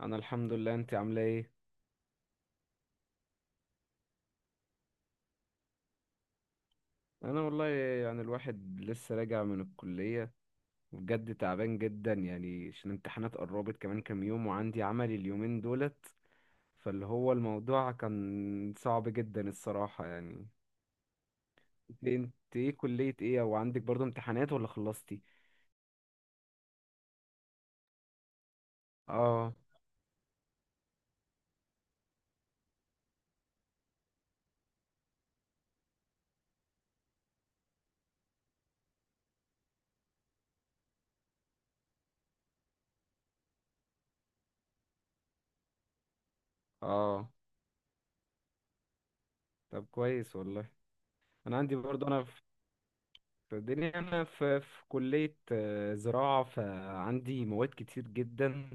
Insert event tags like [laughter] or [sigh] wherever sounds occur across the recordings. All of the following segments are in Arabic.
انا الحمد لله. انت عامله ايه؟ انا والله يعني الواحد لسه راجع من الكليه، وبجد تعبان جدا يعني عشان الامتحانات قربت كمان كام يوم وعندي عملي اليومين دولت. فاللي هو الموضوع كان صعب جدا الصراحه يعني. انت ايه كليه ايه او عندك برضو امتحانات ولا خلصتي؟ اه، اه. طب كويس والله. انا عندي برضو، انا في الدنيا، انا في كليه زراعه، فعندي مواد كتير جدا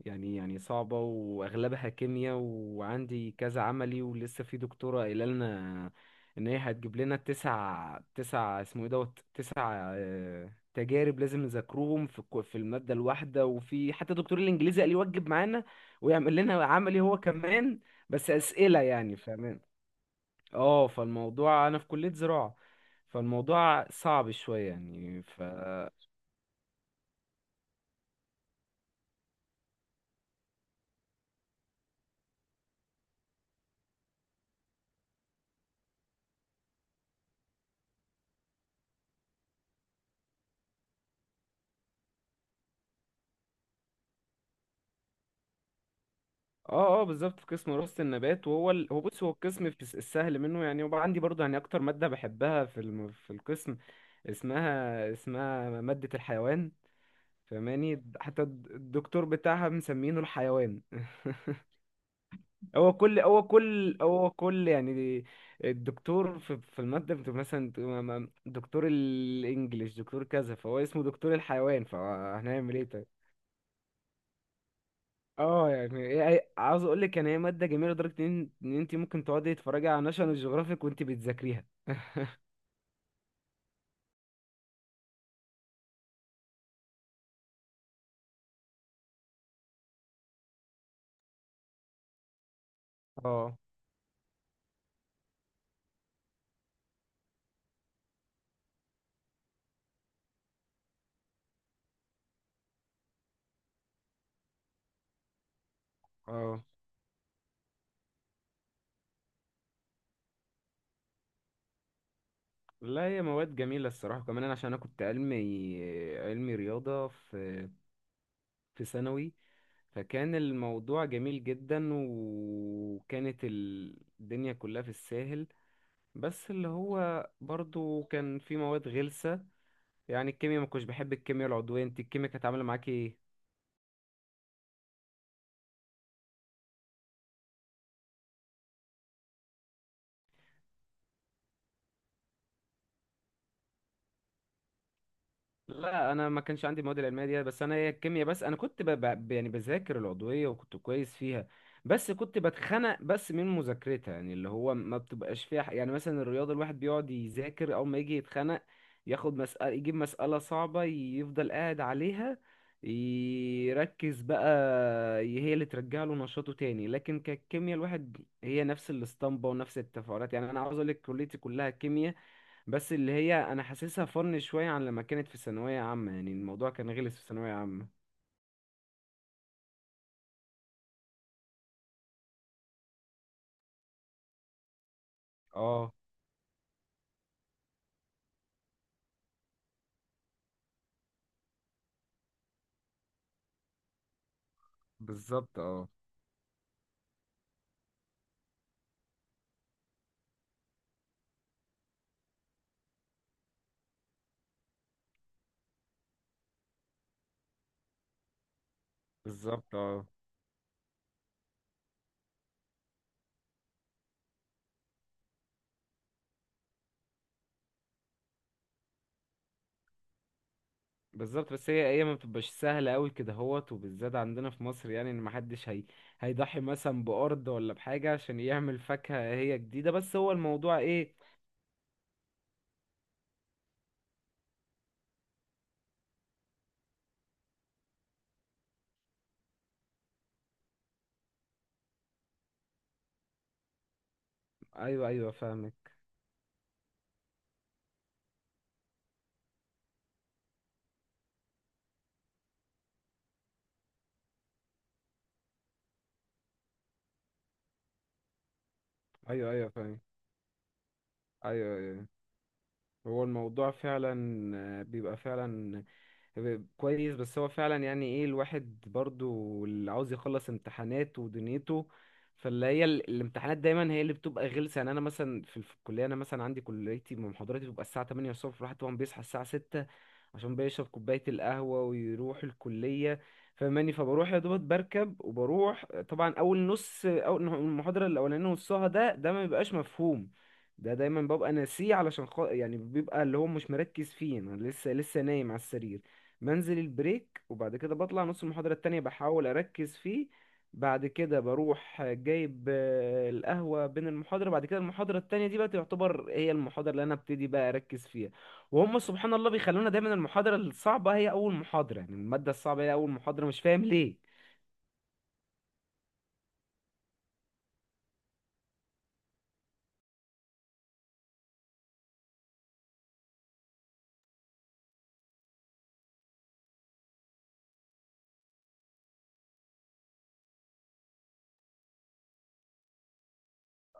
يعني صعبة وأغلبها كيمياء وعندي كذا عملي، ولسه في دكتورة قايلة لنا إن هي هتجيب لنا تسع اسمه إيه دوت تسع تجارب لازم نذاكرهم في في المادة الواحدة، وفي حتى دكتور الإنجليزي قال يوجب معانا ويعمل لنا عملي هو كمان، بس أسئلة يعني فاهمين. اه، فالموضوع أنا في كلية زراعة، فالموضوع صعب شوية يعني. اه اه بالظبط، في قسم وراثة النبات، وهو هو بص هو القسم في السهل منه يعني، وبقى عندي برضه يعني اكتر مادة بحبها في في القسم اسمها مادة الحيوان. فماني حتى الدكتور بتاعها مسمينه الحيوان [laughs] هو كل يعني الدكتور في المادة بتبقى مثلا دكتور الانجليش دكتور كذا، فهو اسمه دكتور الحيوان، فهنعمل ايه طيب؟ اه يعني عاوز اقول لك يعني هي ماده جميله لدرجه ان انت ممكن تقعدي تتفرجي على ناشونال جيوغرافيك وانت بتذاكريها [laughs] اه، اه. لا هي مواد جميلة الصراحة، كمان أنا عشان أنا كنت علمي، علمي رياضة في في ثانوي، فكان الموضوع جميل جدا، وكانت الدنيا كلها في الساهل، بس اللي هو برضو كان في مواد غلسة يعني الكيمياء. ما كنتش بحب الكيمياء العضوية. انت الكيمياء كانت عاملة معاكي ايه؟ لا انا ما كانش عندي المواد العلميه دي، بس انا هي الكيمياء بس انا كنت يعني بذاكر العضويه وكنت كويس فيها، بس كنت بتخنق بس من مذاكرتها، يعني اللي هو ما بتبقاش فيها ح- يعني مثلا الرياضه الواحد بيقعد يذاكر اول ما يجي يتخنق، ياخد مسألة يجيب مسألة صعبة يفضل قاعد عليها يركز بقى، هي اللي ترجع له نشاطه تاني. لكن كالكيمياء الواحد، هي نفس الاسطمبة ونفس التفاعلات، يعني انا عاوز اقول لك كليتي كلها كيمياء، بس اللي هي انا حاسسها فن شويه عن لما كانت في ثانويه عامه، يعني الموضوع كان غلس في ثانويه عامه. اه بالظبط. اه بالظبط. اه بالظبط، بس هي ما بتبقاش سهله قوي كده هوت، وبالذات عندنا في مصر، يعني ان محدش هي هيضحي مثلا بارض ولا بحاجه عشان يعمل فاكهه هي جديده، بس هو الموضوع ايه. ايوه ايوه فاهمك. ايوه ايوه فاهمك. ايوه ايوه. هو الموضوع فعلا بيبقى فعلا كويس، بس هو فعلا يعني ايه الواحد برضو اللي عاوز يخلص امتحانات ودنيته، فاللي هي الامتحانات دايما هي اللي بتبقى غلسة، يعني انا مثلا في الكلية، انا مثلا عندي كليتي محاضراتي بتبقى الساعة 8:00 الصبح، الواحد طبعا بيصحى الساعة 6:00 عشان بيشرب كوباية القهوة ويروح الكلية. فماني فبروح يا دوبك بركب وبروح، طبعا اول نص اول المحاضرة الاولانية نصها ده ما بيبقاش مفهوم، ده دايما ببقى ناسيه علشان يعني بيبقى اللي هو مش مركز فيه، انا لسه نايم على السرير، بنزل البريك وبعد كده بطلع نص المحاضرة التانية بحاول أركز فيه. بعد كده بروح جايب القهوة بين المحاضرة، بعد كده المحاضرة التانية دي بقى تعتبر هي المحاضرة اللي أنا ابتدي بقى أركز فيها، وهم سبحان الله بيخلونا دايما المحاضرة الصعبة هي أول محاضرة، يعني المادة الصعبة هي أول محاضرة، مش فاهم ليه.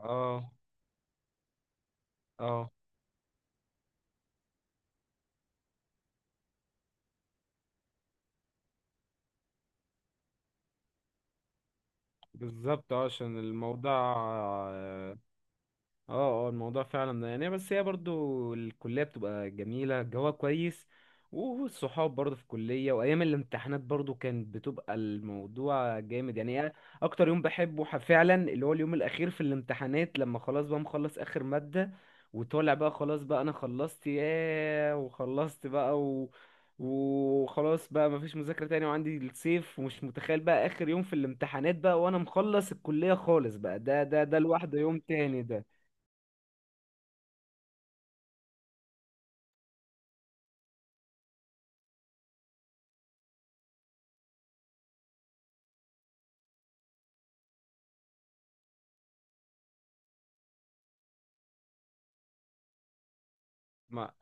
اه. اه بالظبط عشان الموضوع. اه اه الموضوع فعلا ده يعني، بس هي برضو الكلية بتبقى جميلة، الجو كويس، والصحاب برضو في الكلية، وأيام الامتحانات برضو كانت بتبقى الموضوع جامد، يعني أنا أكتر يوم بحبه فعلا اللي هو اليوم الأخير في الامتحانات، لما خلاص بقى مخلص آخر مادة، وطالع بقى خلاص بقى أنا خلصت، ياه وخلصت بقى. وخلاص بقى مفيش مذاكرة تاني، وعندي الصيف، ومش متخيل بقى آخر يوم في الامتحانات بقى وأنا مخلص الكلية خالص بقى، ده لوحده يوم تاني ده. ما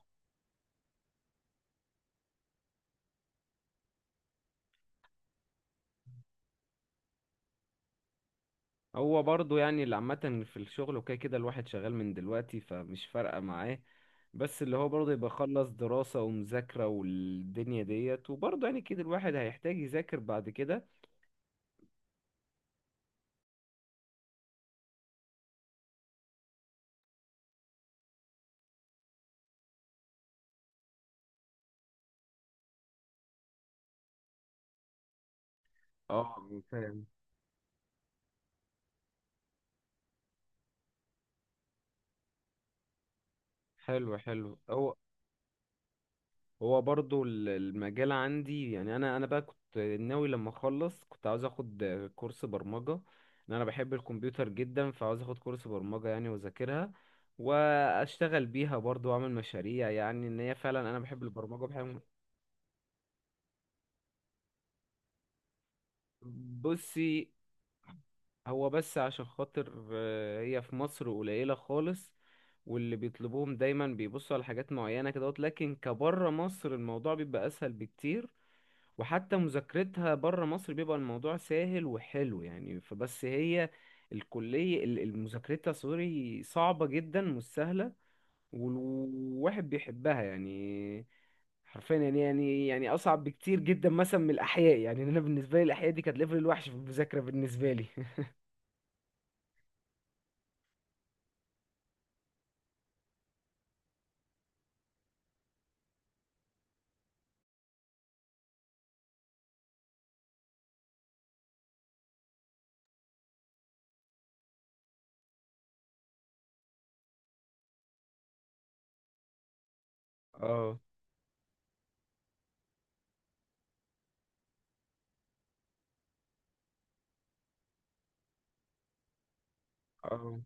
هو برضو يعني اللي عامة في الشغل وكده، كده الواحد شغال من دلوقتي فمش فارقة معاه، بس اللي هو برضه يبقى خلص دراسة ومذاكرة والدنيا ديت، وبرضه يعني كده الواحد هيحتاج يذاكر بعد كده. اه فاهم. حلو حلو. هو هو برضو المجال عندي يعني، انا بقى كنت ناوي لما اخلص كنت عاوز اخد كورس برمجة، لان انا بحب الكمبيوتر جدا، فعاوز اخد كورس برمجة يعني واذاكرها واشتغل بيها برضو واعمل مشاريع، يعني ان هي فعلا انا بحب البرمجة بحب. بصي، هو بس عشان خاطر هي في مصر قليلة خالص، واللي بيطلبوهم دايما بيبصوا على حاجات معينة كده، لكن كبره مصر الموضوع بيبقى اسهل بكتير، وحتى مذاكرتها بره مصر بيبقى الموضوع سهل وحلو يعني. فبس هي الكلية المذاكرتها سوري صعبة جدا، مش سهلة، والواحد بيحبها يعني، حرفيا يعني يعني أصعب بكتير جدا مثلا من الأحياء، يعني أنا بالنسبة لي الأحياء دي كانت ليفل الوحش في المذاكرة بالنسبة لي [laughs] اه، اه.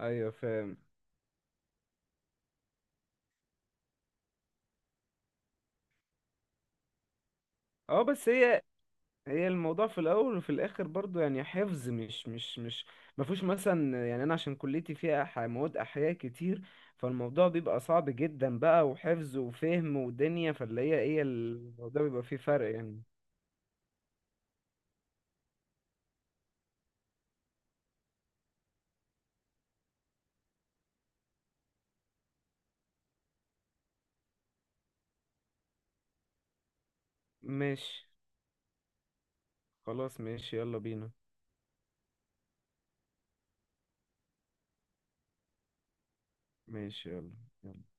ايوه فاهم. اه بس هي الموضوع في الاول وفي الاخر برضو يعني حفظ، مش مش مش ما فيهوش مثلا، يعني انا عشان كليتي فيها مواد احياء كتير، فالموضوع بيبقى صعب جدا بقى، وحفظ وفهم ودنيا، فاللي هي ايه الموضوع بيبقى فيه فرق يعني. ماشي، خلاص ماشي يلا بينا. ماشي يلا. يلا.